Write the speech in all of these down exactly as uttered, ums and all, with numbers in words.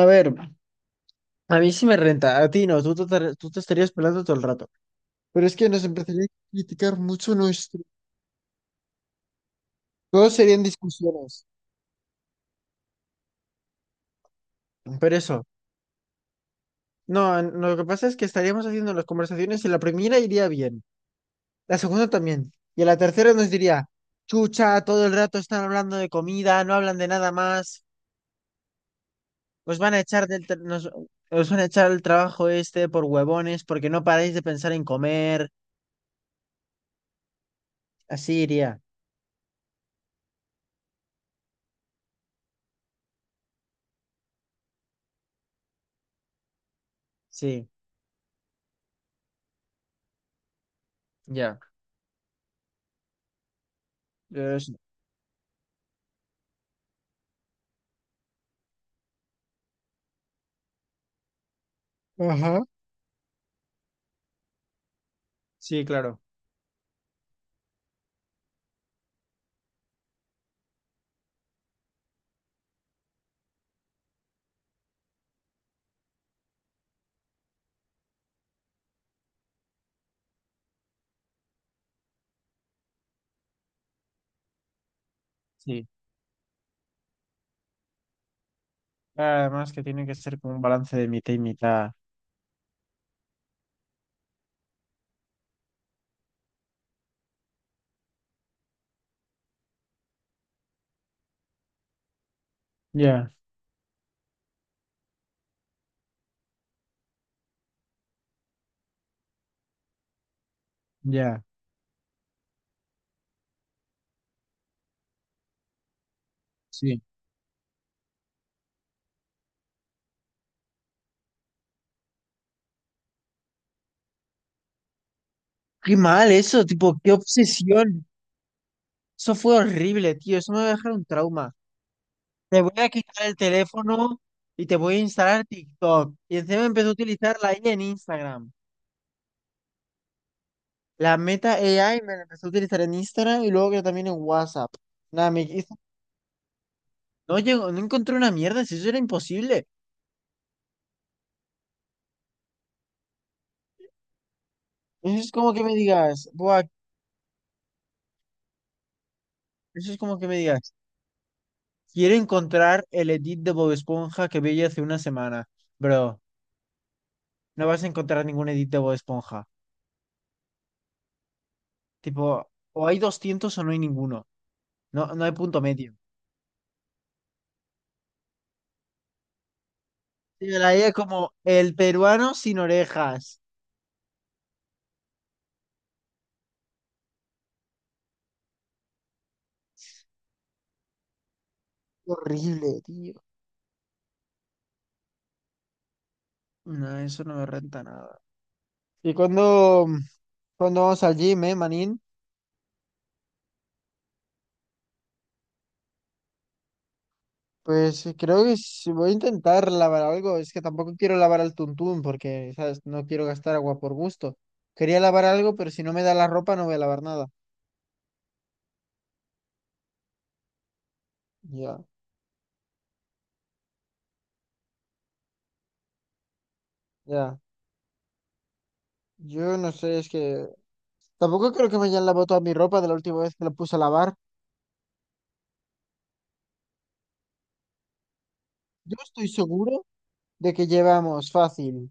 A ver, a mí sí me renta, a ti no, tú te, tar- tú te estarías pelando todo el rato. Pero es que nos empezaría a criticar mucho nuestro. Todos serían discusiones. Pero eso, no, no, lo que pasa es que estaríamos haciendo las conversaciones y la primera iría bien, la segunda también, y a la tercera nos diría, chucha, todo el rato están hablando de comida, no hablan de nada más, os van a echar del, tra- nos, os van a echar el trabajo este por huevones porque no paráis de pensar en comer, así iría, sí, ya. Yo- eso. Ajá. Sí, claro, sí. Además que tiene que ser como un balance de mitad y mitad. Ya, ya, sí. Qué mal eso, tipo, qué obsesión. Eso fue horrible, tío. Eso me va a dejar un trauma. Te voy a quitar el teléfono y te voy a instalar TikTok. Y encima empecé a utilizar la I A en Instagram. La Meta A I me la empecé a utilizar en Instagram y luego que también en WhatsApp. Nada, me hizo- no llegó, no encontré una mierda, si eso era imposible. Eso es como que me digas, buah, eso es como que me digas. Quiero encontrar el edit de Bob Esponja que vi hace una semana. Bro, no vas a encontrar ningún edit de Bob Esponja. Tipo, o hay doscientos o no hay ninguno. No, no hay punto medio. Tío, la idea como el peruano sin orejas. Horrible, tío. No, eso no me renta nada. Y cuando, cuando vamos al gym, eh, manín, pues creo que sí voy a intentar lavar algo. Es que tampoco quiero lavar al tuntún porque, ¿sabes? No quiero gastar agua por gusto. Quería lavar algo, pero si no me da la ropa no voy a lavar nada. Ya, ya. Yo no sé, es que tampoco creo que me hayan lavado toda mi ropa de la última vez que la puse a lavar. Yo estoy seguro de que llevamos fácil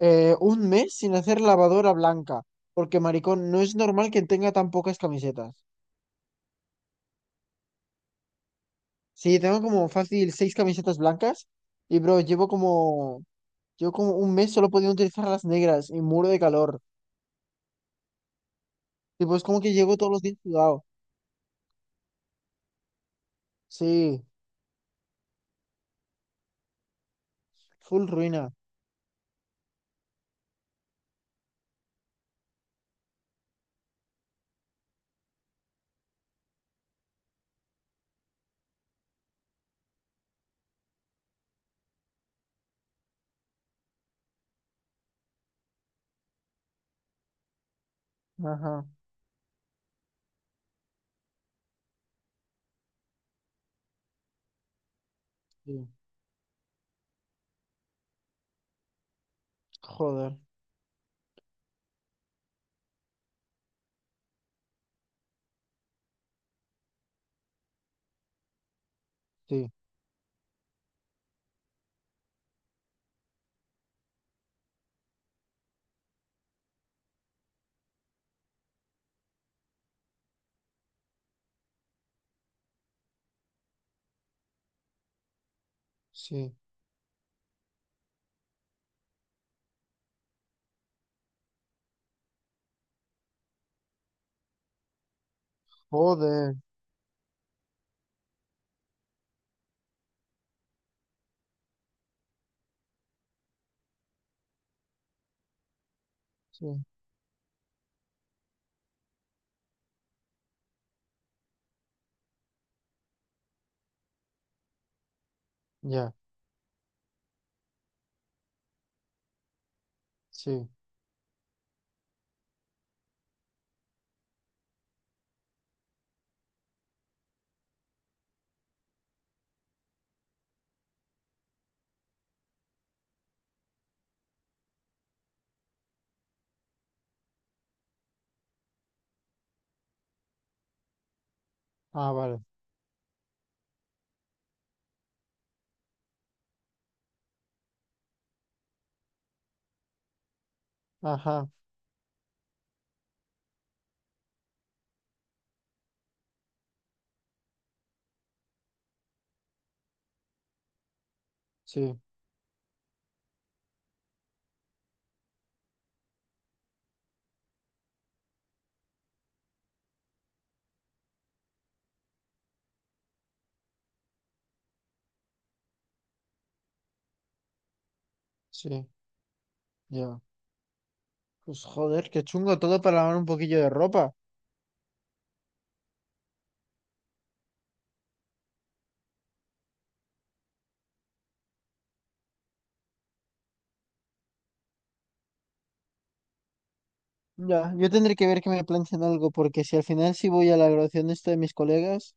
eh, un mes sin hacer lavadora blanca, porque maricón, no es normal que tenga tan pocas camisetas. Sí, tengo como fácil seis camisetas blancas y bro, llevo como, llevo como un mes solo pudiendo utilizar las negras y muro de calor. Y pues como que llego todos los días sudado. Sí, full ruina. Ajá, sí. Joder, sí, sí. Joder, sí, ya, sí. Ah, vale. Ajá, sí, sí, ya. Pues joder, qué chungo todo para lavar un poquillo de ropa. Ya, yo tendré que ver que me planchen algo, porque si al final sí voy a la graduación de esto de mis colegas,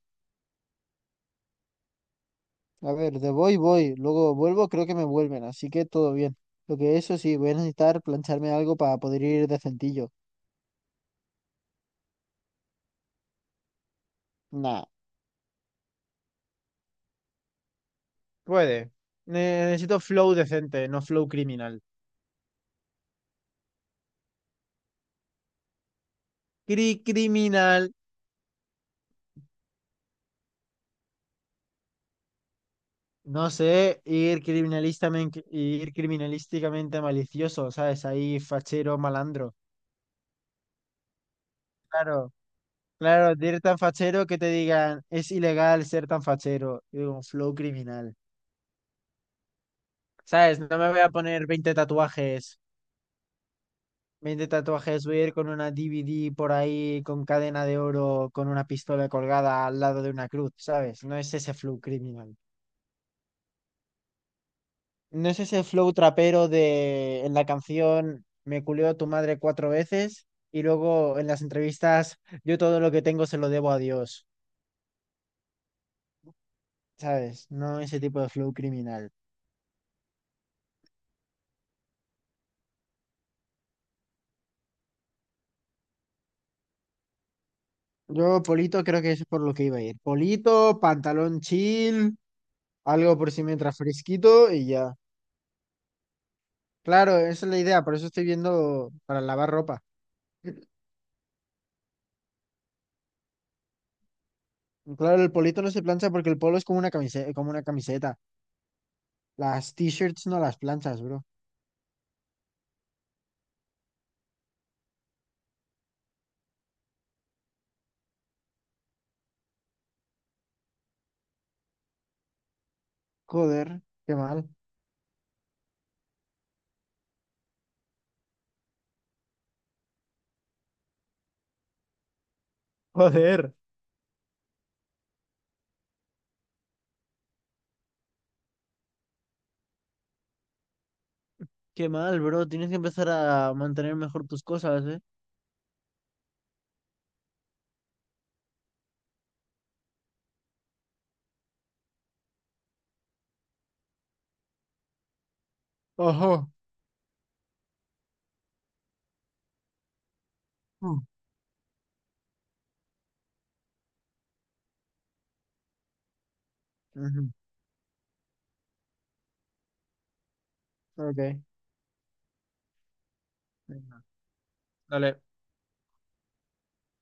a ver, de voy, voy, luego vuelvo, creo que me vuelven, así que todo bien. Lo que eso sí, voy a necesitar plancharme algo para poder ir decentillo. Nah, puede. Ne- Necesito flow decente, no flow criminal. Cri criminal. No sé, ir criminalistamente, ir criminalísticamente malicioso, ¿sabes? Ahí fachero, malandro. Claro, claro, de ir tan fachero que te digan, es ilegal ser tan fachero. Yo digo, flow criminal. ¿Sabes? No me voy a poner veinte tatuajes. Veinte tatuajes, voy a ir con una D V D por ahí, con cadena de oro, con una pistola colgada al lado de una cruz, ¿sabes? No es ese flow criminal. ¿No es ese flow trapero de en la canción Me culió tu madre cuatro veces y luego en las entrevistas yo todo lo que tengo se lo debo a Dios? ¿Sabes? No ese tipo de flow criminal. Yo, Polito, creo que es por lo que iba a ir. Polito, pantalón chill, algo por si me entra fresquito y ya. Claro, esa es la idea, por eso estoy viendo para lavar ropa. Claro, el polito no se plancha porque el polo es como una camiseta, como una camiseta. Las t-shirts no las planchas, bro. Joder, qué mal. Joder. Qué mal, bro. Tienes que empezar a mantener mejor tus cosas, ¿eh? Ojo. Mm. Ujú, ok. Venga. Dale.